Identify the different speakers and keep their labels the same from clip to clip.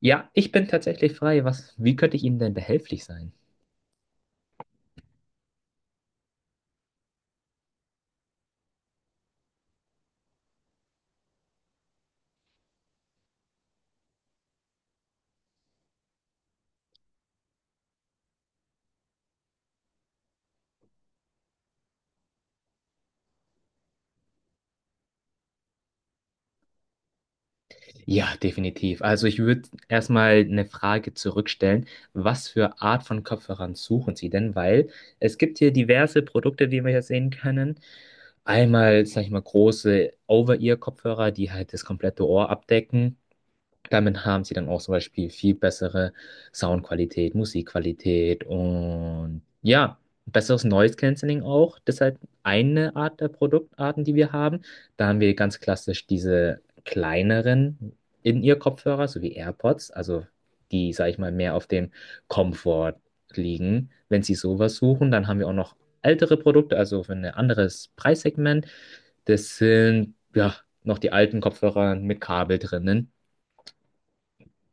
Speaker 1: Ja, ich bin tatsächlich frei. Wie könnte ich Ihnen denn behilflich sein? Ja, definitiv. Also ich würde erstmal eine Frage zurückstellen. Was für Art von Kopfhörern suchen Sie denn? Weil es gibt hier diverse Produkte, die wir hier sehen können. Einmal, sag ich mal, große Over-Ear-Kopfhörer, die halt das komplette Ohr abdecken. Damit haben sie dann auch zum Beispiel viel bessere Soundqualität, Musikqualität und ja, besseres Noise Cancelling auch. Das ist halt eine Art der Produktarten, die wir haben. Da haben wir ganz klassisch diese kleineren In-Ear-Kopfhörer, so wie AirPods, also die, sag ich mal, mehr auf dem Komfort liegen. Wenn sie sowas suchen, dann haben wir auch noch ältere Produkte, also für ein anderes Preissegment. Das sind, ja, noch die alten Kopfhörer mit Kabel drinnen.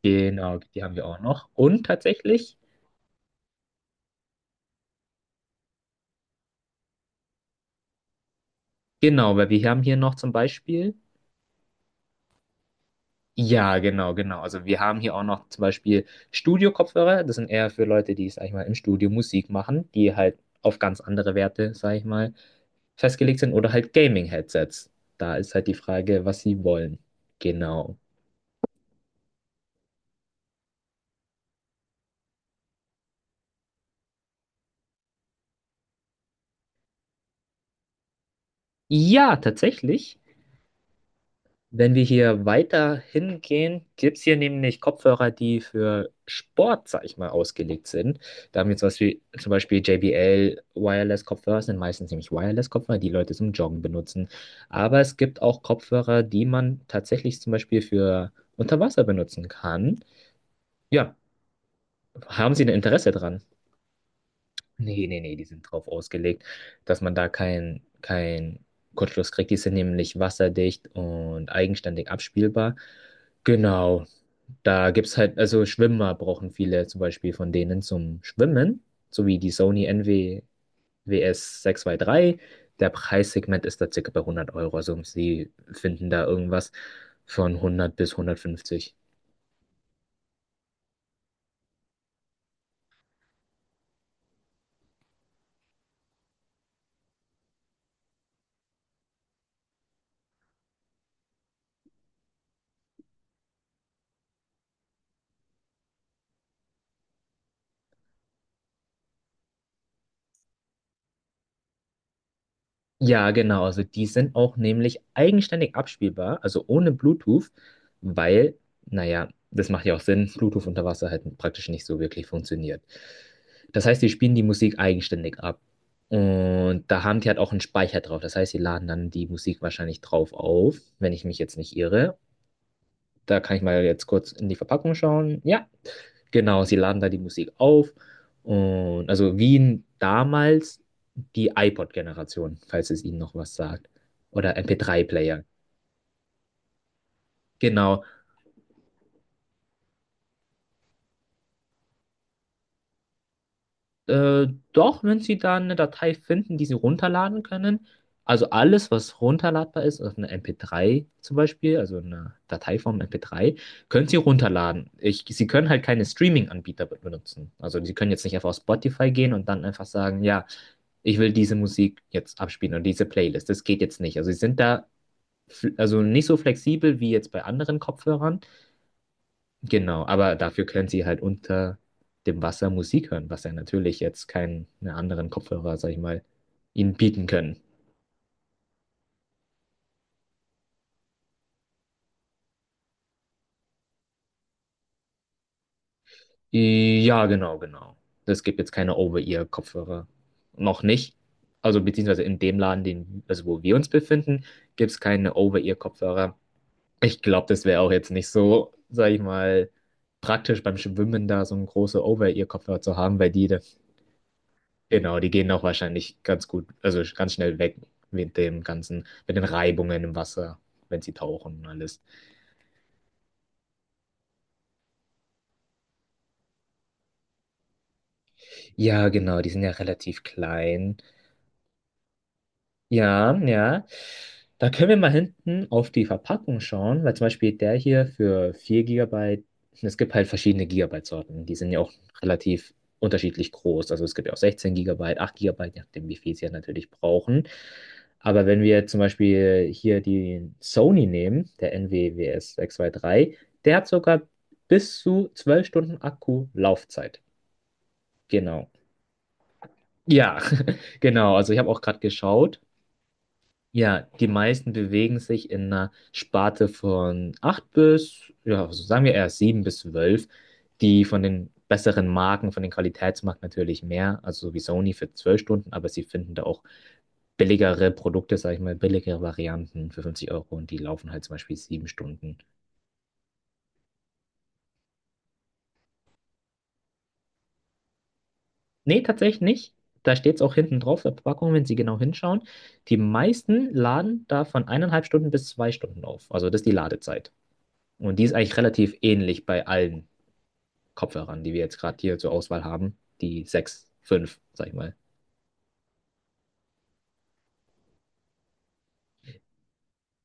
Speaker 1: Genau, die haben wir auch noch. Und tatsächlich, genau, weil wir haben hier noch zum Beispiel, ja, genau, genau. Also wir haben hier auch noch zum Beispiel Studio-Kopfhörer. Das sind eher für Leute, die, sag ich mal, im Studio Musik machen, die halt auf ganz andere Werte, sag ich mal, festgelegt sind oder halt Gaming-Headsets. Da ist halt die Frage, was sie wollen. Genau. Ja, tatsächlich. Wenn wir hier weiter hingehen, gibt es hier nämlich Kopfhörer, die für Sport, sag ich mal, ausgelegt sind. Da haben wir zum Beispiel, JBL Wireless-Kopfhörer, sind meistens nämlich Wireless-Kopfhörer, die Leute zum Joggen benutzen. Aber es gibt auch Kopfhörer, die man tatsächlich zum Beispiel für unter Wasser benutzen kann. Ja, haben Sie ein Interesse dran? Nee, nee, nee, die sind drauf ausgelegt, dass man da keinen kein Kurzschluss kriegt. Die sind nämlich wasserdicht und eigenständig abspielbar. Genau. Da gibt's halt, also Schwimmer brauchen viele zum Beispiel von denen zum Schwimmen, so wie die Sony NWS 623. Der Preissegment ist da circa bei 100 Euro, also sie finden da irgendwas von 100 bis 150. Ja, genau. Also die sind auch nämlich eigenständig abspielbar, also ohne Bluetooth, weil, naja, das macht ja auch Sinn, Bluetooth unter Wasser halt praktisch nicht so wirklich funktioniert. Das heißt, die spielen die Musik eigenständig ab. Und da haben die halt auch einen Speicher drauf. Das heißt, sie laden dann die Musik wahrscheinlich drauf auf, wenn ich mich jetzt nicht irre. Da kann ich mal jetzt kurz in die Verpackung schauen. Ja, genau, sie laden da die Musik auf. Und also Wien damals die iPod-Generation, falls es Ihnen noch was sagt. Oder MP3-Player. Genau. Doch, wenn Sie da eine Datei finden, die Sie runterladen können. Also alles, was runterladbar ist, also eine MP3 zum Beispiel, also eine Dateiform MP3, können Sie runterladen. Sie können halt keine Streaming-Anbieter benutzen. Also Sie können jetzt nicht einfach auf Spotify gehen und dann einfach sagen, ja, ich will diese Musik jetzt abspielen und diese Playlist. Das geht jetzt nicht. Also Sie sind da, also nicht so flexibel wie jetzt bei anderen Kopfhörern. Genau, aber dafür können sie halt unter dem Wasser Musik hören, was ja natürlich jetzt keine anderen Kopfhörer, sag ich mal, ihnen bieten können. Ja, genau, genau. Es gibt jetzt keine Over-Ear-Kopfhörer. Noch nicht. Also beziehungsweise in dem Laden, den, also wo wir uns befinden, gibt es keine Over-Ear-Kopfhörer. Ich glaube, das wäre auch jetzt nicht so, sag ich mal, praktisch beim Schwimmen da so ein große Over-Ear-Kopfhörer zu haben, weil die. Genau, die gehen auch wahrscheinlich ganz gut, also ganz schnell weg mit dem ganzen, mit den Reibungen im Wasser, wenn sie tauchen und alles. Ja, genau, die sind ja relativ klein. Ja, ja. Da können wir mal hinten auf die Verpackung schauen, weil zum Beispiel der hier für 4 Gigabyte. Es gibt halt verschiedene Gigabyte-Sorten, die sind ja auch relativ unterschiedlich groß. Also es gibt ja auch 16 Gigabyte, 8 Gigabyte, je nachdem, wie viel sie ja natürlich brauchen. Aber wenn wir zum Beispiel hier die Sony nehmen, der NWWS 623, der hat sogar bis zu 12 Stunden Akkulaufzeit. Genau. Ja, genau. Also ich habe auch gerade geschaut. Ja, die meisten bewegen sich in einer Sparte von 8 bis, ja, also sagen wir eher 7 bis 12. Die von den besseren Marken, von den Qualitätsmarken natürlich mehr, also so wie Sony für 12 Stunden, aber sie finden da auch billigere Produkte, sag ich mal, billigere Varianten für 50 Euro und die laufen halt zum Beispiel 7 Stunden. Nee, tatsächlich nicht. Da steht es auch hinten drauf, der Packung, wenn Sie genau hinschauen. Die meisten laden da von 1,5 Stunden bis 2 Stunden auf. Also das ist die Ladezeit. Und die ist eigentlich relativ ähnlich bei allen Kopfhörern, die wir jetzt gerade hier zur Auswahl haben. Die 6 fünf, sag ich mal.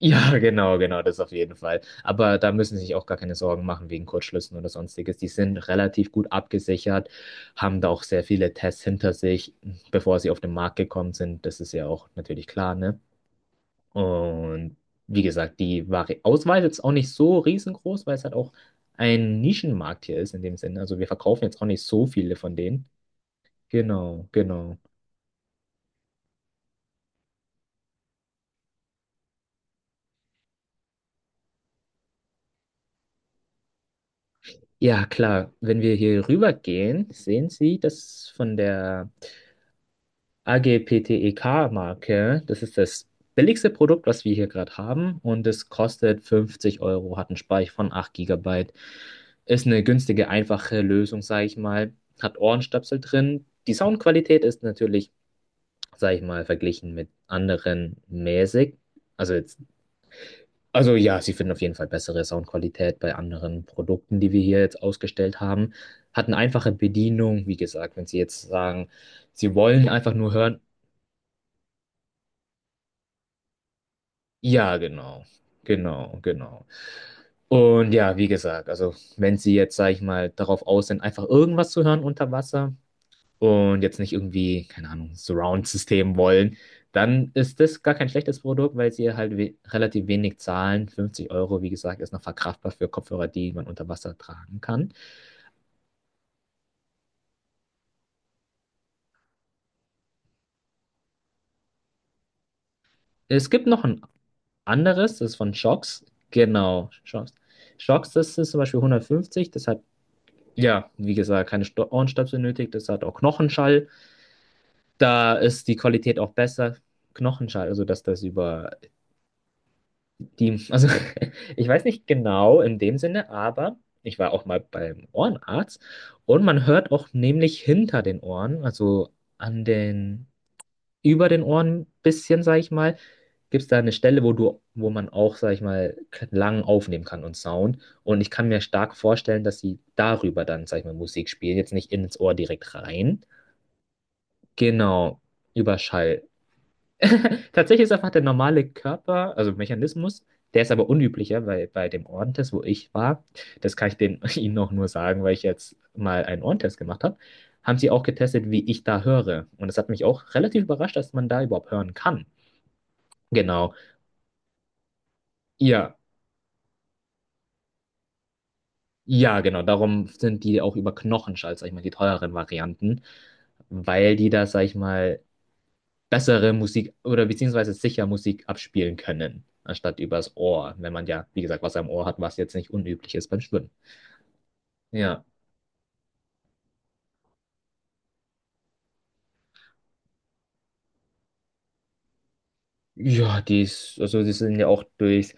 Speaker 1: Ja, genau, genau, das auf jeden Fall. Aber da müssen Sie sich auch gar keine Sorgen machen wegen Kurzschlüssen oder sonstiges. Die sind relativ gut abgesichert, haben da auch sehr viele Tests hinter sich, bevor sie auf den Markt gekommen sind. Das ist ja auch natürlich klar, ne? Und wie gesagt, die Vari Auswahl ist jetzt auch nicht so riesengroß, weil es halt auch ein Nischenmarkt hier ist in dem Sinne. Also wir verkaufen jetzt auch nicht so viele von denen. Genau, genau. Ja, klar. Wenn wir hier rübergehen, sehen Sie das von der AGPTEK-Marke. Das ist das billigste Produkt, was wir hier gerade haben. Und es kostet 50 Euro, hat einen Speicher von 8 Gigabyte, ist eine günstige, einfache Lösung, sage ich mal. Hat Ohrenstöpsel drin. Die Soundqualität ist natürlich, sage ich mal, verglichen mit anderen mäßig. Also jetzt also ja, sie finden auf jeden Fall bessere Soundqualität bei anderen Produkten, die wir hier jetzt ausgestellt haben. Hat eine einfache Bedienung, wie gesagt, wenn sie jetzt sagen, sie wollen einfach nur hören. Ja, genau. Genau, genau. Und ja, wie gesagt, also wenn sie jetzt, sag ich mal, darauf aus sind, einfach irgendwas zu hören unter Wasser, und jetzt nicht irgendwie, keine Ahnung, Surround-System wollen, dann ist das gar kein schlechtes Produkt, weil sie halt we relativ wenig zahlen. 50 Euro, wie gesagt, ist noch verkraftbar für Kopfhörer, die man unter Wasser tragen kann. Es gibt noch ein anderes, das ist von Shox. Genau, Shox. Shox, das ist zum Beispiel 150, das hat, ja, wie gesagt, keine Ohrenstöpsel benötigt, das hat auch Knochenschall. Da ist die Qualität auch besser. Knochenschall, also dass das über die, also ich weiß nicht genau in dem Sinne, aber ich war auch mal beim Ohrenarzt und man hört auch nämlich hinter den Ohren, also an den, über den Ohren bisschen, sag ich mal, gibt es da eine Stelle, wo man auch, sag ich mal, Klang aufnehmen kann und Sound. Und ich kann mir stark vorstellen, dass sie darüber dann, sag ich mal, Musik spielen, jetzt nicht ins Ohr direkt rein. Genau, über Schall. Tatsächlich ist einfach der normale Körper, also Mechanismus, der ist aber unüblicher, weil bei dem Ohrentest, wo ich war, das kann ich Ihnen auch nur sagen, weil ich jetzt mal einen Ohrentest gemacht habe, haben sie auch getestet, wie ich da höre. Und das hat mich auch relativ überrascht, dass man da überhaupt hören kann. Genau. Ja, ja, genau. Darum sind die auch über Knochenschall, sag ich mal, die teureren Varianten, weil die da, sag ich mal, bessere Musik oder beziehungsweise sicher Musik abspielen können, anstatt übers Ohr, wenn man ja, wie gesagt, was am Ohr hat, was jetzt nicht unüblich ist beim Schwimmen. Ja. Ja, die ist, also die sind ja auch durch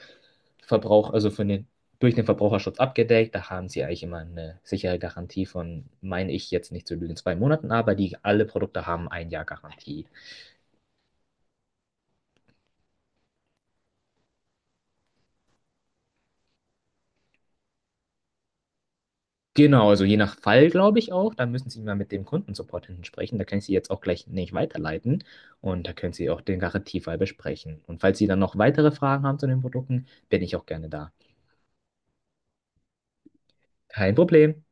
Speaker 1: Verbrauch, also von den, durch den Verbraucherschutz abgedeckt. Da haben sie eigentlich immer eine sichere Garantie von, meine ich jetzt nicht zu lügen, 2 Monaten, aber die alle Produkte haben ein Jahr Garantie. Genau, also je nach Fall, glaube ich auch. Da müssen Sie mal mit dem Kundensupport hinten sprechen. Da kann ich Sie jetzt auch gleich nicht weiterleiten. Und da können Sie auch den Garantiefall besprechen. Und falls Sie dann noch weitere Fragen haben zu den Produkten, bin ich auch gerne da. Kein Problem.